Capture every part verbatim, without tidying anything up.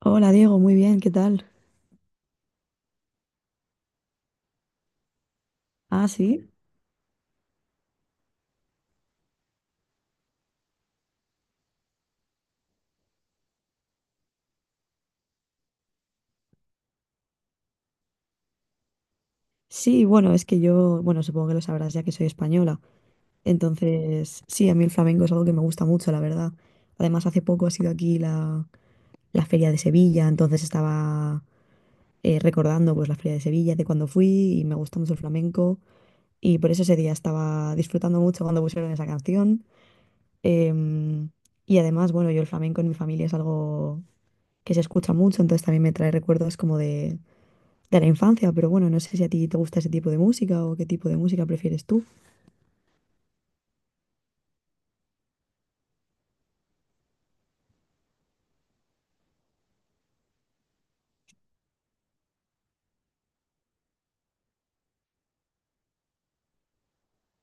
Hola Diego, muy bien, ¿qué tal? Ah, sí. Sí, bueno, es que yo, bueno, supongo que lo sabrás ya que soy española. Entonces, sí, a mí el flamenco es algo que me gusta mucho, la verdad. Además, hace poco ha sido aquí la, la Feria de Sevilla, entonces estaba eh, recordando pues la Feria de Sevilla de cuando fui y me gusta mucho el flamenco y por eso ese día estaba disfrutando mucho cuando pusieron esa canción. Em, y además, bueno, yo el flamenco en mi familia es algo que se escucha mucho, entonces también me trae recuerdos como de de la infancia, pero bueno, no sé si a ti te gusta ese tipo de música o qué tipo de música prefieres tú.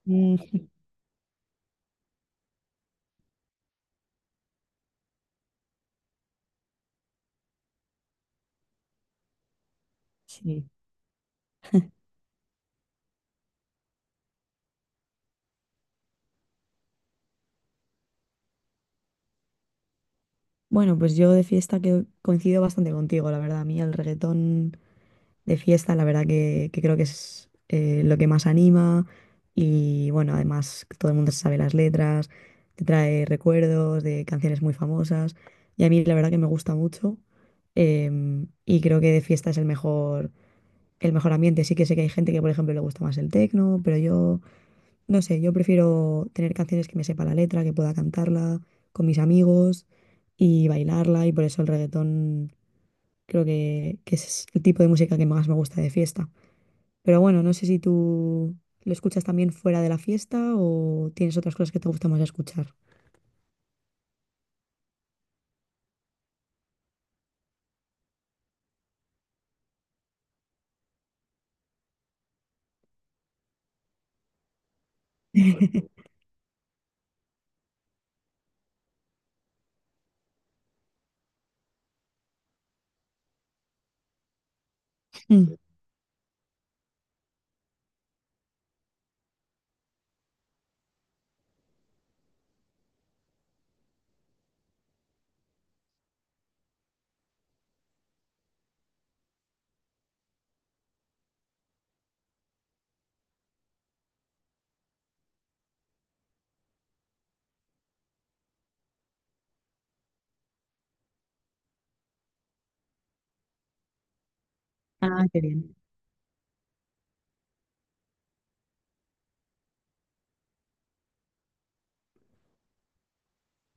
Mm, sí. Bueno, pues yo de fiesta que coincido bastante contigo, la verdad. A mí el reggaetón de fiesta, la verdad que, que creo que es eh, lo que más anima y bueno, además todo el mundo se sabe las letras, te trae recuerdos de canciones muy famosas y a mí la verdad que me gusta mucho, em, y creo que de fiesta es el mejor, el mejor ambiente. Sí que sé que hay gente que, por ejemplo, le gusta más el tecno, pero yo no sé, yo prefiero tener canciones que me sepa la letra, que pueda cantarla con mis amigos y bailarla y por eso el reggaetón creo que, que es el tipo de música que más me gusta de fiesta. Pero bueno, no sé si tú lo escuchas también fuera de la fiesta o tienes otras cosas que te gusta más escuchar. Mm. Ah, qué bien.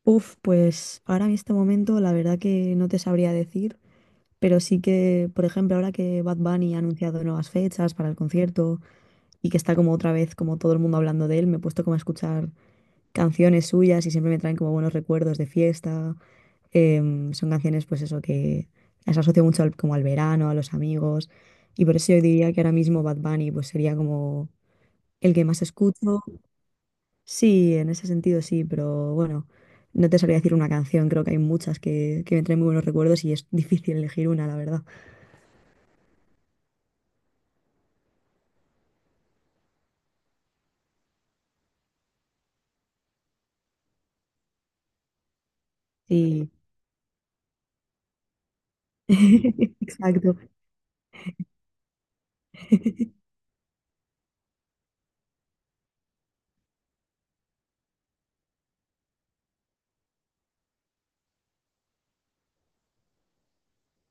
Uf, pues ahora en este momento la verdad que no te sabría decir, pero sí que, por ejemplo, ahora que Bad Bunny ha anunciado nuevas fechas para el concierto y que está como otra vez como todo el mundo hablando de él. Me he puesto como a escuchar canciones suyas y siempre me traen como buenos recuerdos de fiesta. Em, son canciones pues eso que las asocio mucho al- como al verano, a los amigos y por eso yo diría que ahora mismo Bad Bunny pues sería como el que más escucho. Sí, en ese sentido sí, pero bueno, no te sabría decir una canción, creo que hay muchas que, que me traen muy buenos recuerdos y es difícil elegir una, la verdad. Sí, exacto,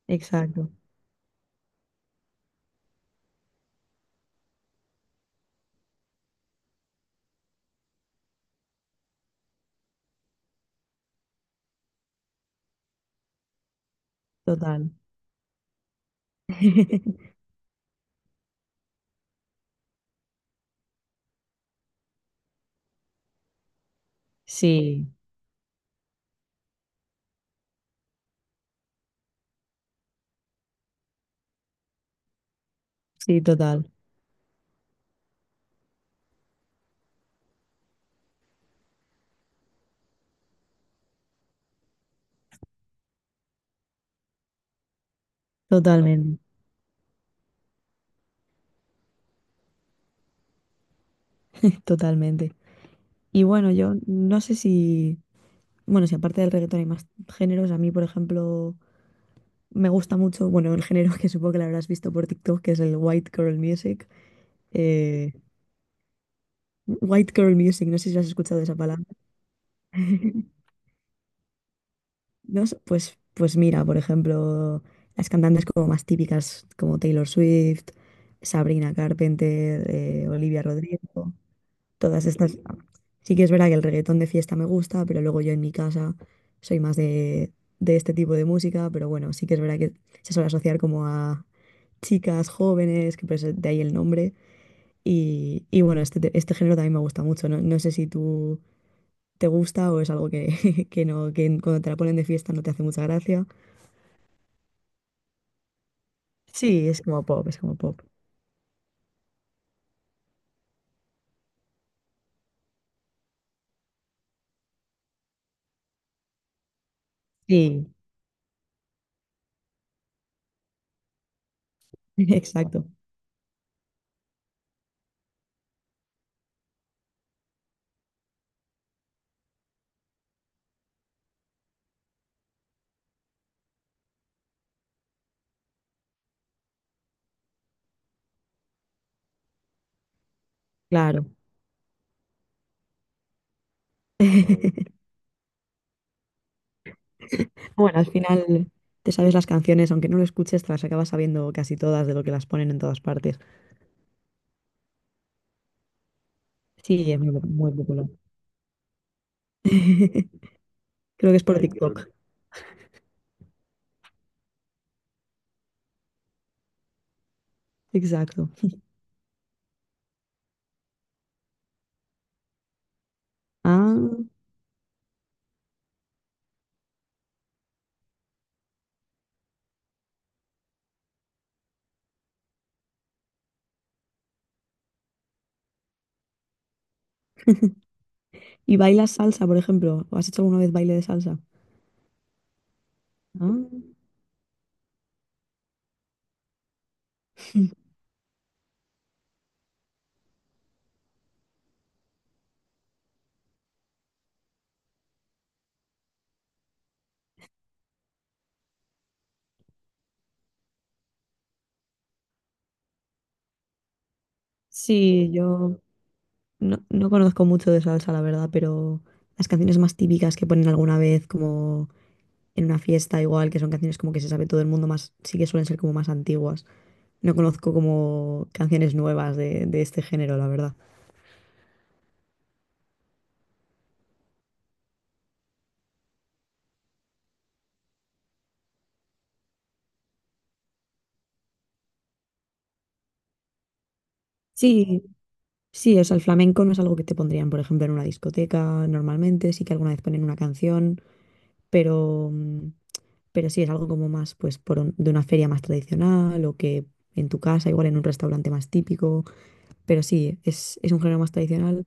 exacto, total. Sí. Sí, total, totalmente, totalmente. Y bueno, yo no sé si, bueno, si aparte del reggaetón hay más géneros, a mí, por ejemplo, me gusta mucho, bueno, el género que supongo que lo habrás visto por TikTok, que es el white girl music. eh, White girl music, no sé si has escuchado esa palabra. No sé, pues, pues mira, por ejemplo, las cantantes como más típicas, como Taylor Swift, Sabrina Carpenter, eh, Olivia Rodrigo. Todas estas. Sí que es verdad que el reggaetón de fiesta me gusta, pero luego yo en mi casa soy más de, de este tipo de música, pero bueno, sí que es verdad que se suele asociar como a chicas jóvenes, que por eso de ahí el nombre. Y, y bueno, este, te- este género también me gusta mucho. No, no sé si tú te gusta o es algo que, que no, que en- cuando te la ponen de fiesta no te hace mucha gracia. Sí, es como pop, es como pop. Sí, exacto, claro. Bueno, al final te sabes las canciones, aunque no lo escuches, te las acabas sabiendo casi todas de lo que las ponen en todas partes. Sí, es muy, po- muy popular. Creo que es por en TikTok. TikTok. que- Exacto. Ah, ¿y bailas salsa, por ejemplo? ¿O has hecho alguna vez baile de salsa? Ah, sí, yo no, no conozco mucho de salsa, la verdad, pero las canciones más típicas que ponen alguna vez, como en una fiesta igual, que son canciones como que se sabe todo el mundo más, sí que suelen ser como más antiguas. No conozco como canciones nuevas de, de este género, la verdad. Sí, sí, o sea, el flamenco no es algo que te pondrían, por ejemplo, en una discoteca normalmente, sí que alguna vez ponen una canción, pero, mm, pero sí es algo como más, pues, por un- de una feria más tradicional o que en tu casa, igual en un restaurante más típico, pero sí, es, es un género más tradicional.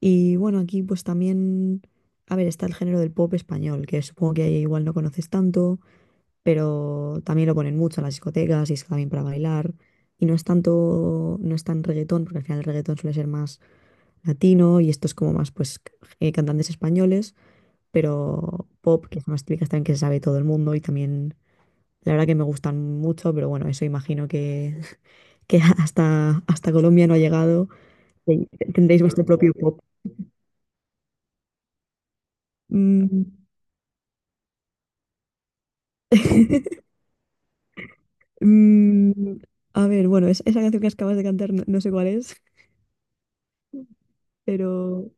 Y bueno, aquí pues también, a ver, está el género del pop español, que supongo que ahí igual no conoces tanto, pero también lo ponen mucho en las discotecas y es también para bailar. Y no es tanto, no es tan reggaetón, porque al final el reggaetón suele ser más latino y estos como más pues eh, cantantes españoles, pero pop, que son más típicas también que se sabe todo el mundo y también la verdad que me gustan mucho, pero bueno, eso imagino que, que hasta, hasta Colombia no ha llegado. y Tendréis vuestro propio pop. Mm, mm, a ver, bueno, es- esa canción que acabas de cantar no, no sé cuál es, pero...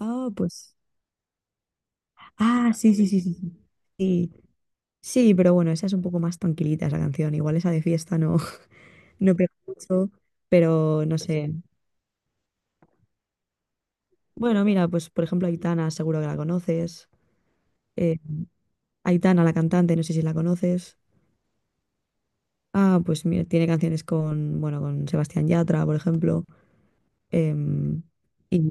Ah, pues... Ah, sí, sí, sí, sí. Sí, sí. Sí, pero bueno, esa es un poco más tranquilita esa canción. Igual esa de fiesta no, no pega mucho, pero no sé. Bueno, mira, pues por ejemplo Aitana, seguro que la conoces. Eh, Aitana, la cantante, no sé si la conoces. Ah, pues mira, tiene canciones con, bueno, con Sebastián Yatra, por ejemplo. Em, y,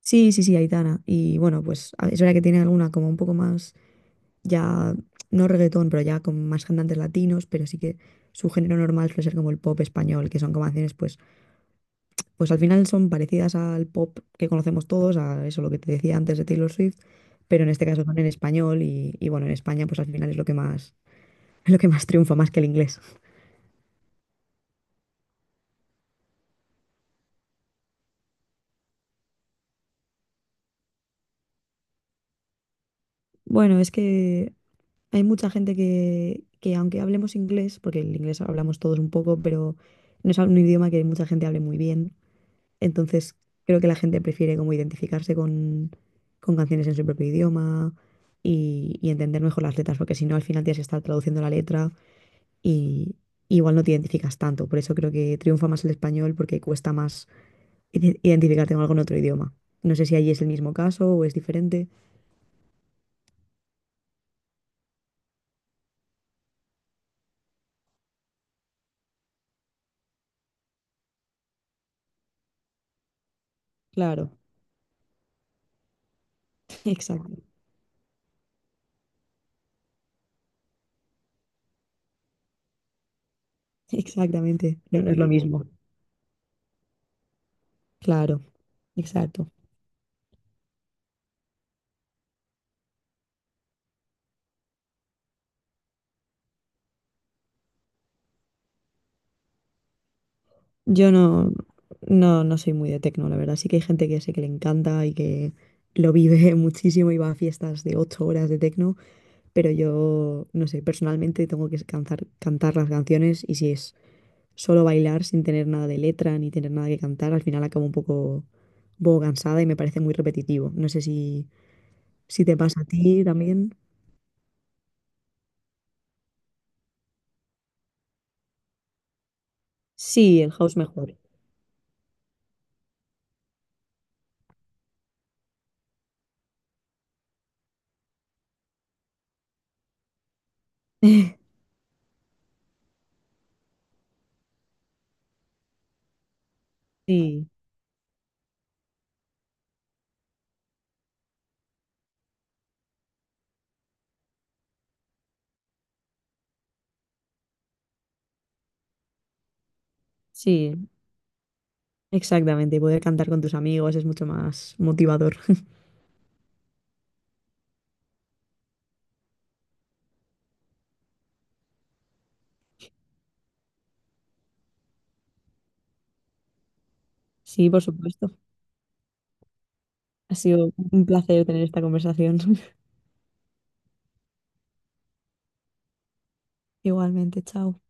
sí, sí, sí, Aitana. Y bueno, pues a- es verdad que tiene alguna como un poco más, ya, no reggaetón, pero ya con más cantantes latinos, pero sí que su género normal suele ser como el pop español, que son como canciones pues pues al final son parecidas al pop que conocemos todos, a eso lo que te decía antes de Taylor Swift, pero en este caso son en español y, y bueno, en España pues al final es lo que más, es lo que más triunfa, más que el inglés. Bueno, es que hay mucha gente que, que aunque hablemos inglés, porque el inglés hablamos todos un poco, pero no es un idioma que mucha gente hable muy bien, entonces creo que la gente prefiere como identificarse con, con canciones en su propio idioma y, y entender mejor las letras, porque si no al final tienes que estar traduciendo la letra y igual no te identificas tanto. Por eso creo que triunfa más el español porque cuesta más ide- identificarte con algo en otro idioma. No sé si allí es el mismo caso o es diferente. Claro, exacto, exactamente. No, no es lo mismo. Claro, exacto. Yo no, no, no soy muy de tecno, la verdad. Sí que hay gente que sé que le encanta y que lo vive muchísimo y va a fiestas de ocho horas de tecno, pero yo, no sé, personalmente tengo que cantar, cantar las canciones y si es solo bailar sin tener nada de letra ni tener nada que cantar, al final acabo un poco, un poco cansada y me parece muy repetitivo. No sé si, si te pasa a ti también. Sí, el house mejor. Sí, sí, exactamente. Poder cantar con tus amigos es mucho más motivador. Sí, por supuesto. Ha sido un placer tener esta conversación. Igualmente, chao.